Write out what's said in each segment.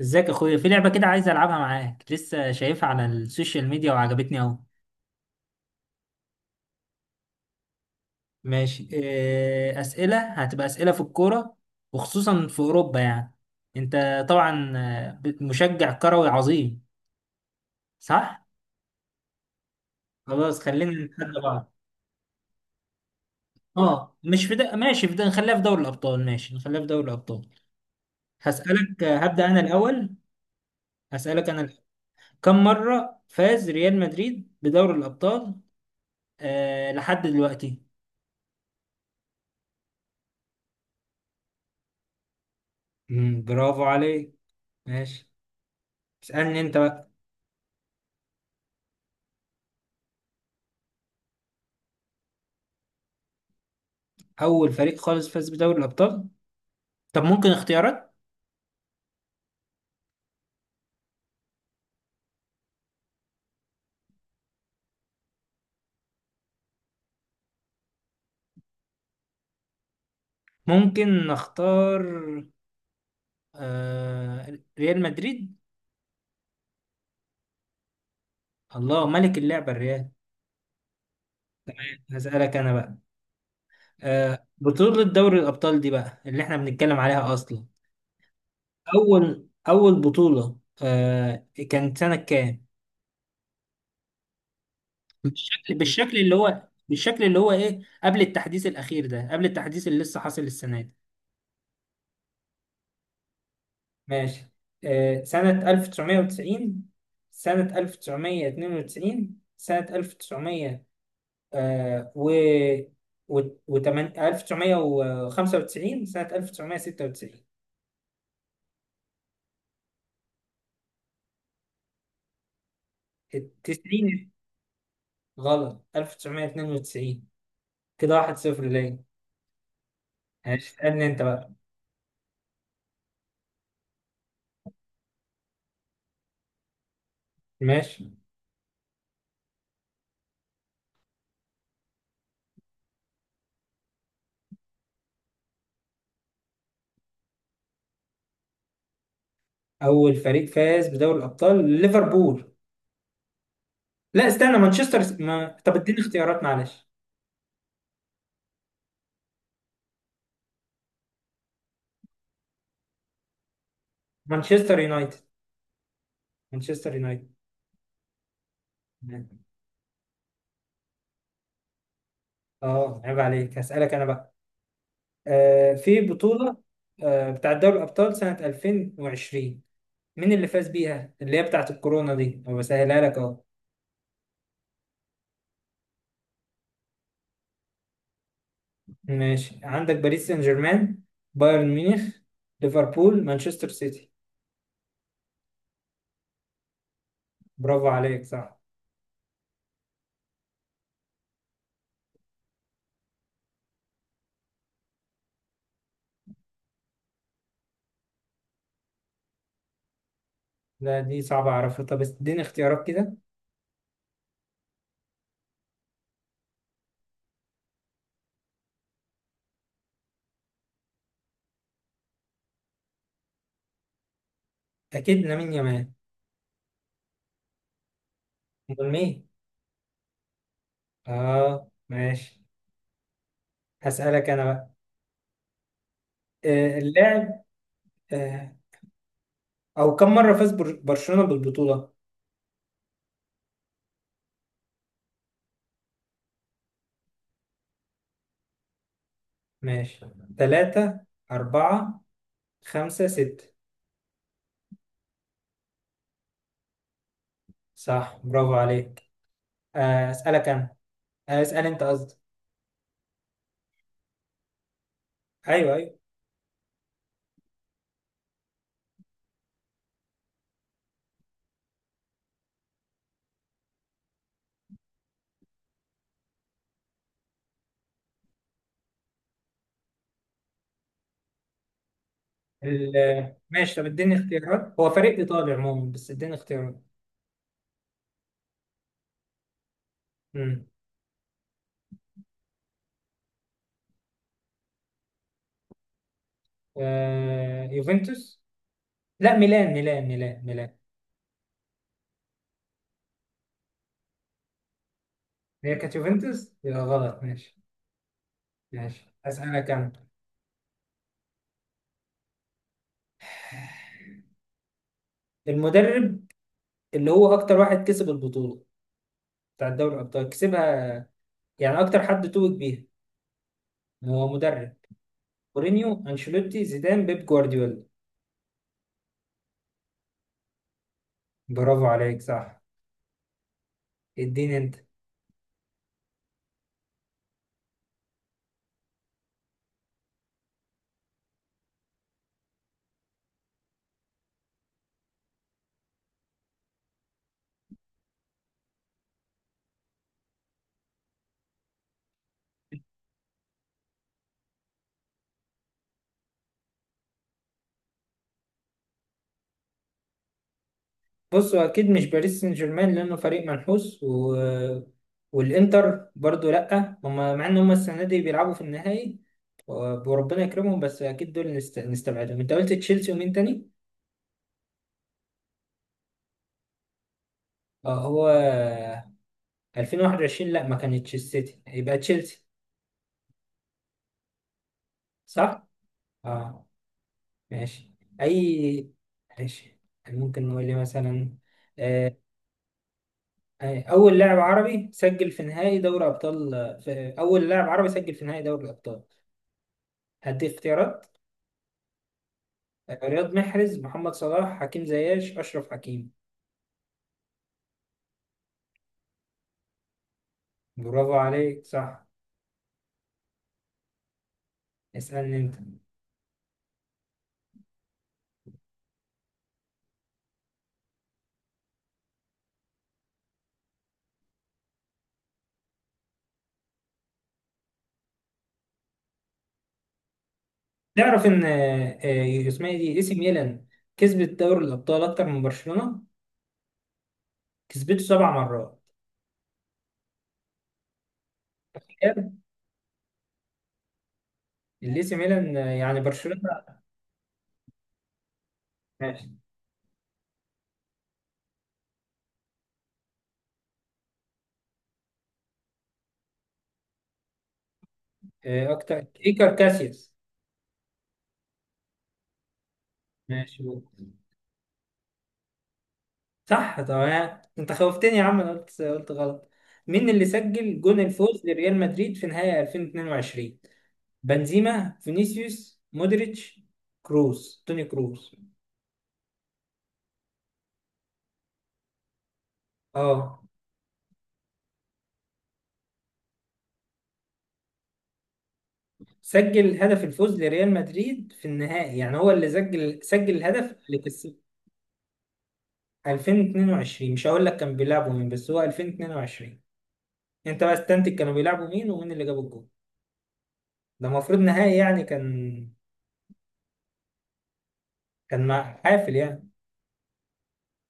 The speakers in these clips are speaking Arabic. ازيك يا اخويا؟ في لعبة كده عايز العبها معاك، لسه شايفها على السوشيال ميديا وعجبتني اهو. ماشي إيه، اسئلة، هتبقى اسئلة في الكورة وخصوصا في اوروبا يعني. انت طبعا مشجع كروي عظيم، صح؟ خلاص خلينا نتحدى بعض. اه مش في ده، ماشي في ده، نخليها في دوري الابطال، ماشي نخليها في دوري الابطال. هسألك، هبدأ انا الاول. هسألك انا الأول. كم مرة فاز ريال مدريد بدوري الابطال؟ لحد دلوقتي؟ برافو عليك. ماشي، اسألني انت بقى. اول فريق خالص فاز بدوري الابطال؟ طب ممكن اختيارات؟ ممكن نختار؟ ريال مدريد. الله ملك اللعبة الريال. هسألك انا بقى. بطولة دوري الابطال دي بقى اللي احنا بنتكلم عليها اصلا. اول اول بطولة، كانت سنة كام؟ بالشكل اللي هو، بالشكل اللي هو ايه قبل التحديث الاخير ده، قبل التحديث اللي لسه حاصل السنة دي. ماشي. سنة 1990، سنة 1992، سنة 1900، آه، و و 1995، سنة 1996. التسعين. غلط، 1992. كده 1-0 ليا. ماشي، اسألني انت بقى. ماشي. أول فريق فاز بدوري الأبطال؟ ليفربول. لا استنى، مانشستر ما... طب اديني اختيارات معلش. مانشستر يونايتد. مانشستر يونايتد. اه، عيب عليك. هسألك انا بقى. في بطولة بتاعت دوري الابطال سنة 2020، مين اللي فاز بيها؟ اللي هي بتاعت الكورونا دي، أنا بسهلها لك اهو. ماشي، عندك باريس سان جيرمان، بايرن ميونخ، ليفربول، مانشستر سيتي. برافو عليك، صح. لا دي صعبة اعرفها. طب اديني اختيارات كده. اكيد لامين يامال. امال مين؟ اه، ماشي. هسألك انا بقى. اللاعب. آه او كم مرة فاز برشلونة بالبطولة؟ ماشي، تلاتة، أربعة، خمسة، ستة. صح، برافو عليك. أسألك أنا. أسأل أنت قصدي. أيوه أيوه. ماشي، طب اديني اختيارات، هو فريق إيطالي عموما بس اديني اختيارات. مم. يوفنتوس. لا، ميلان ميلان ميلان ميلان. هي كانت يوفنتوس، يبقى غلط. ماشي. ماشي، أسألك أنا. المدرب اللي هو أكتر واحد كسب البطولة بتاع دوري الأبطال كسبها، يعني أكتر حد توج بيها، هو مدرب. مورينيو، انشيلوتي، زيدان، بيب جوارديولا. برافو عليك، صح. اديني انت. بص، هو اكيد مش باريس سان جيرمان لانه فريق منحوس و... والانتر برضو لا هم، مع ان هم السنه دي بيلعبوا في النهائي. و- وربنا يكرمهم، بس اكيد دول نستبعدهم. انت قلت تشيلسي ومين تاني؟ اه هو 2021، لا ما كانتش السيتي، يبقى تشيلسي، صح. اه ماشي. اي. ماشي. ممكن نقول لي مثلا آه، اول لاعب عربي سجل في نهائي دوري ابطال، في اول لاعب عربي سجل في نهائي دوري الابطال؟ هدي اختيارات. رياض محرز، محمد صلاح، حكيم زياش، اشرف حكيم. برافو عليك، صح. اسالني انت. تعرف ان اسمها إيه؟ دي اي سي ميلان كسبت دوري الابطال اكتر من برشلونه، كسبته 7 مرات. الاي سي ميلان يعني برشلونه. ماشي. اكتر. ايكر كاسياس. ماشي. صح طبعا، انت خوفتني يا عم، انا قلت غلط. مين اللي سجل جون الفوز لريال مدريد في نهائي 2022؟ بنزيما، فينيسيوس، مودريتش، كروس، توني كروس. اه، سجل هدف الفوز لريال مدريد في النهائي، يعني هو اللي سجل الهدف اللي كسب. 2022، مش هقول لك كان بيلعبوا مين بس هو 2022. انت بقى استنتج كانوا بيلعبوا مين ومين اللي جاب الجون. ده المفروض نهائي يعني، كان مع حافل يعني.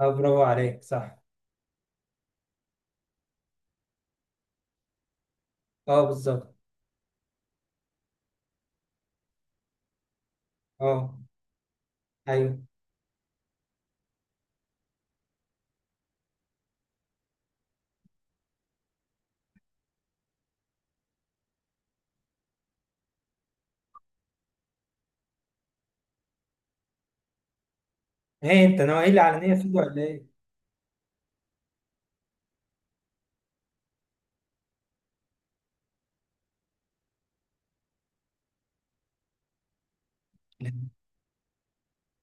اه، برافو عليك، صح. اه، بالظبط. اه، ايوه. ايه انت نوايا العلنيه فيه ولا ايه؟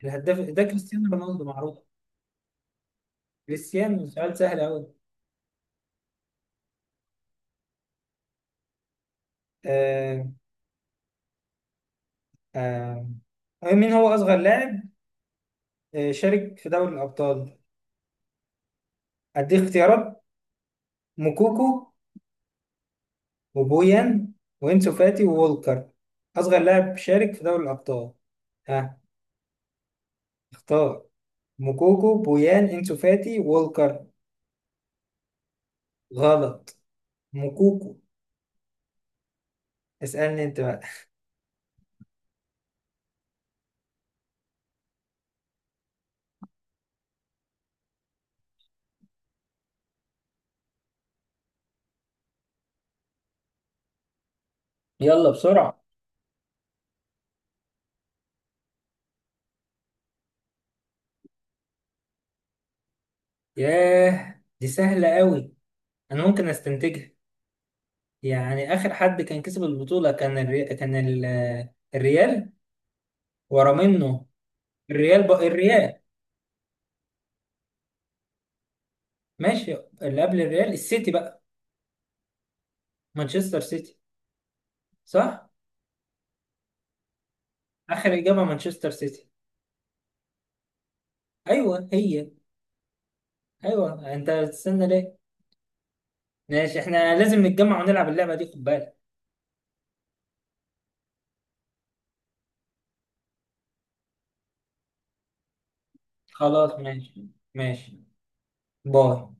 الهداف ده كريستيانو رونالدو معروف. كريستيانو، سؤال سهل قوي. آه آه مين هو اصغر لاعب شارك في دوري الابطال؟ اديك اختيارات. موكوكو، وبويان، وانسو فاتي، وولكر. اصغر لاعب شارك في دوري الابطال؟ ها، اختار. موكوكو، بويان، انسو فاتي، وولكر. غلط. موكوكو. اسألني انت بقى. يلا بسرعة. ياه، دي سهلة قوي. انا ممكن استنتجها. يعني اخر حد كان كسب البطوله كان الريال. ورا منه. الريال، بقى الريال. ماشي، اللي قبل الريال السيتي بقى. مانشستر سيتي. صح. اخر اجابه مانشستر سيتي. ايوه هي. ايوه، انت بتستنى ليه؟ ماشي، احنا لازم نتجمع ونلعب اللعبه دي، خد بالك. خلاص ماشي. ماشي. باي.